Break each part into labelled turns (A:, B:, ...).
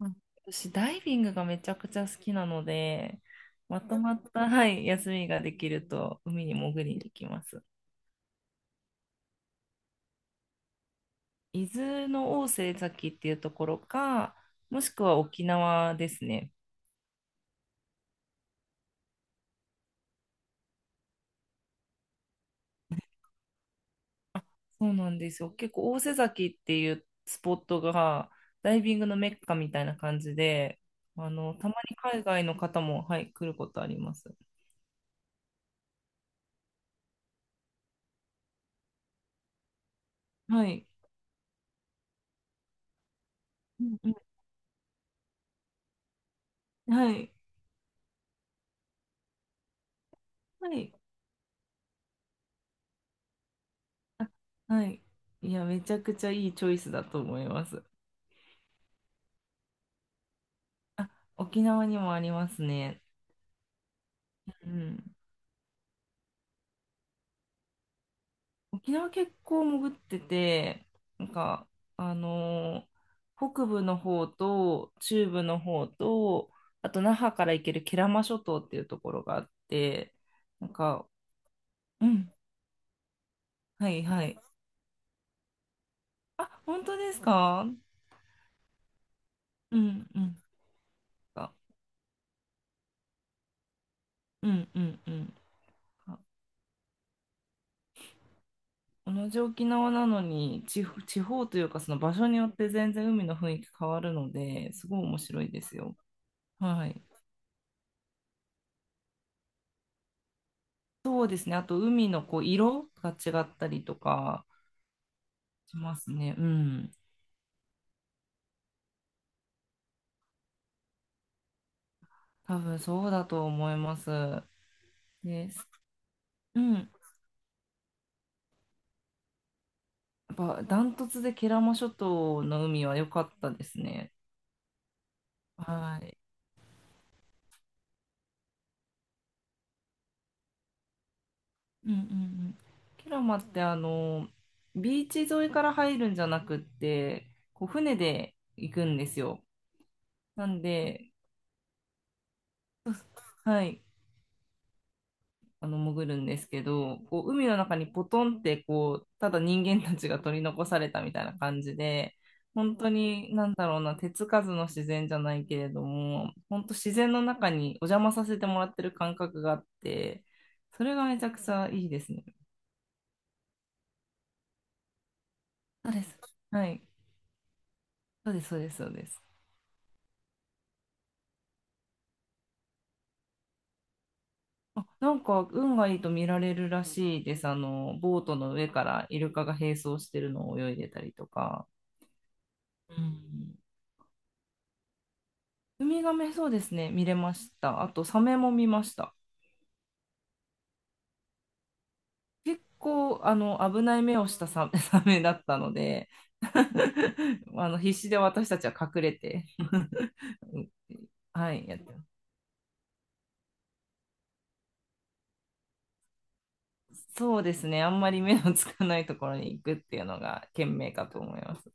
A: うん。私、ダイビングがめちゃくちゃ好きなので、まとまった、はい、休みができると、海に潜りに行きます。伊豆の大瀬崎っていうところか、もしくは沖縄ですね。そうなんですよ。結構、大瀬崎っていうスポットが、ダイビングのメッカみたいな感じで、たまに海外の方も、はい、来ることあります。はい。うんうん。はい。はい。あ、はい。いや、めちゃくちゃいいチョイスだと思います。あ、沖縄にもありますね。うん。沖縄結構潜ってて、なんか、あのー北部の方と中部の方と、あと那覇から行ける慶良間諸島っていうところがあって、なんか、うん、はいはい。あ、本当ですか？うんうん。あ、うんうんうん。あ、同じ沖縄なのに地方、地方というかその場所によって全然海の雰囲気変わるので、すごい面白いですよ。はい。そうですね。あと、海のこう色が違ったりとかしますね。うん。多分そうだと思います。です。うん。やっぱ、ダントツでケラマ諸島の海は良かったですね。はい。うんうんうん。ケラマって、ビーチ沿いから入るんじゃなくって、こう船で行くんですよ。なんで、はい。潜るんですけど、こう海の中にポトンってこうただ人間たちが取り残されたみたいな感じで、本当になんだろうな、手つかずの自然じゃないけれども、本当自然の中にお邪魔させてもらってる感覚があって、それがめちゃくちゃいいですね。そうです。はい。そうです、そうです、そうです。あ、なんか運がいいと見られるらしいです。あの、ボートの上からイルカが並走してるのを泳いでたりとか。うん。ウミガメ、そうですね、見れました。あと、サメも見ました。結構、危ない目をしたサメ、サメだったので、必死で私たちは隠れて、はい、やってます。そうですね、あんまり目のつかないところに行くっていうのが賢明かと思います。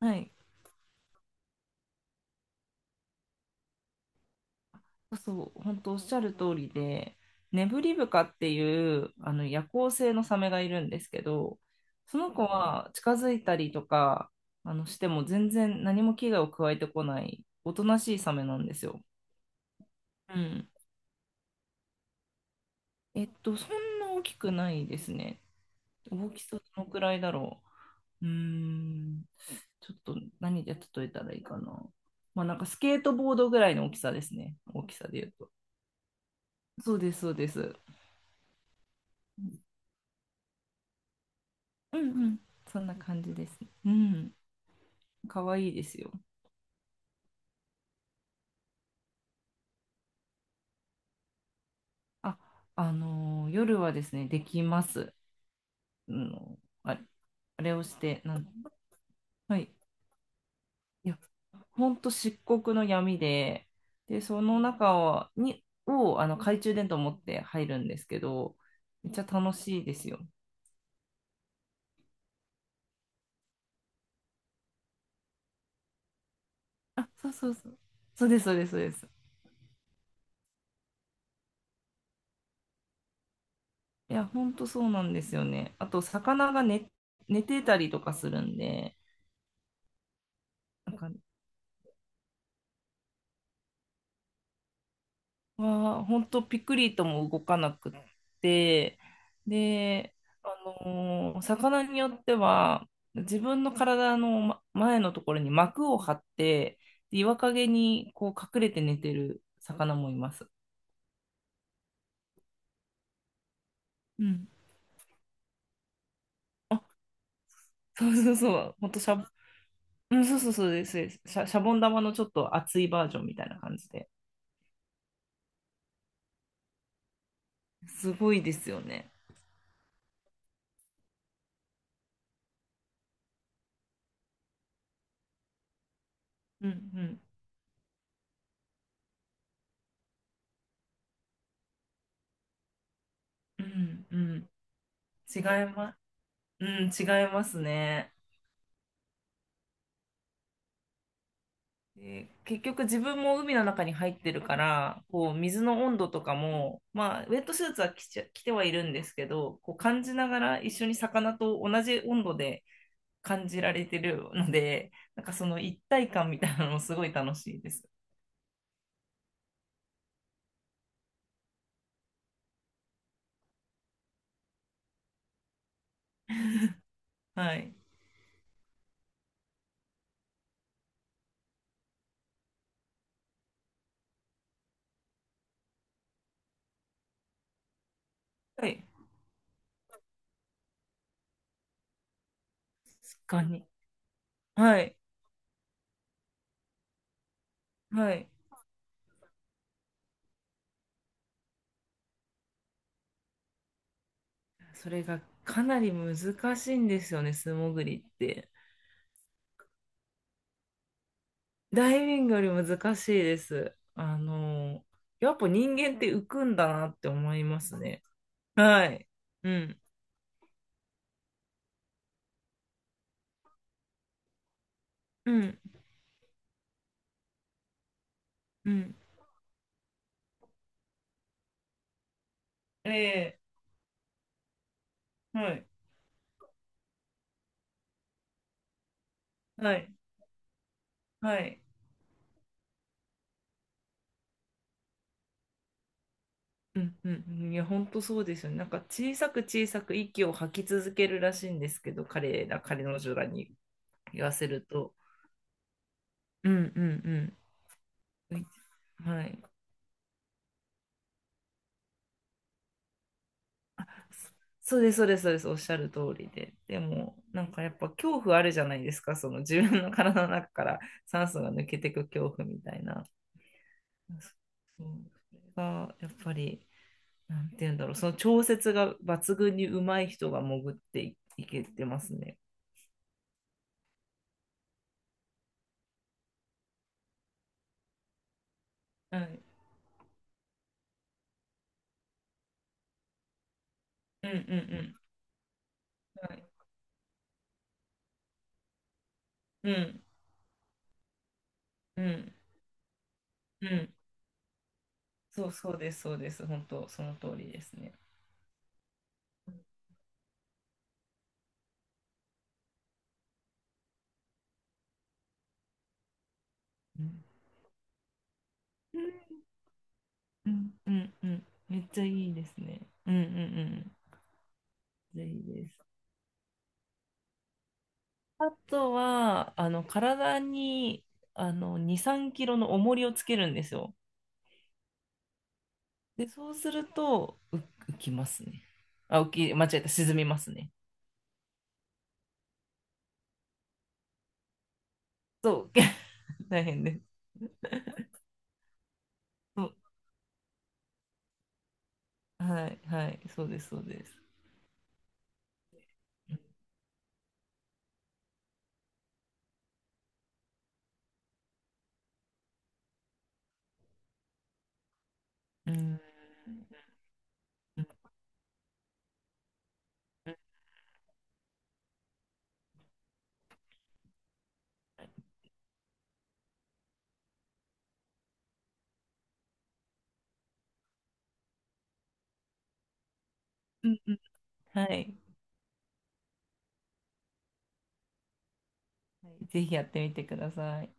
A: はい。そう、本当おっしゃる通りで、ネブリブカっていうあの夜行性のサメがいるんですけど、その子は近づいたりとかしても全然何も危害を加えてこない、おとなしいサメなんですよ。うん。えっと、そんな大きくないですね。大きさどのくらいだろう。うーん、ちょっと何で例えたらいいかな。まあなんかスケートボードぐらいの大きさですね。大きさで言うと。そうです。うんうん。そんな感じです。うん。かわいいですよ。あ、夜はですね、できます。あのあ、あれをして、なん、はい。いや、ほんと漆黒の闇で、で、その中を、に、を、あの、懐中電灯持って入るんですけど、めっちゃ楽しいですよ。あ、そうそうそう。そうです、そうです、そうです。いや、ほんとそうなんですよね。あと、魚が寝、寝てたりとかするんで、なんかは本当ピクリとも動かなくって、で、あ魚によっては自分の体の前のところに膜を張って、で岩陰にこう隠れて寝てる魚もいます。うん。そうそうそう、本当シャ、うん、そうそうそうですですシャ、シャボン玉のちょっと厚いバージョンみたいな感じで。すごいですよね。うんうんうんうん。違いま、うん、違いますね。で結局自分も海の中に入ってるから、こう水の温度とかも、まあ、ウェットスーツは着ちゃ、着てはいるんですけど、こう感じながら一緒に魚と同じ温度で感じられてるので、なんかその一体感みたいなのもすごい楽しいです。はい。はい。確かに。はい。はい。それがかなり難しいんですよね、素潜りって。ダイビングより難しいです。やっぱ人間って浮くんだなって思いますね。はい。うん。うん、うん、ええ、はい。はい。はい。うん。うん。うん、いや、本当そうですよね。なんか小さく小さく息を吐き続けるらしいんですけど、彼の女らに言わせると。うん、うん、うん。はい。そうです、そうです、そうです。おっしゃる通りで。でも、なんかやっぱ恐怖あるじゃないですか。その自分の体の中から酸素が抜けてく恐怖みたいな。そう。それがやっぱり。なんて言うんだろう、その調節が抜群にうまい人が潜っていいけてますね。はい。うんうんうん。はい。うんうんうん。そうそうです、そうです。本当、その通りですね。うんうんうんうん。めっちゃいいですね。うんうんうん。めっちゃいいです。あとは、あの、体に、2、3キロの重りをつけるんですよ。で、そうすると、浮きますね。あ、間違えた、沈みますね。そう、大変です。そう、はいはい、そうです。うん、うん、うん。はい、はい、ぜひやってみてください。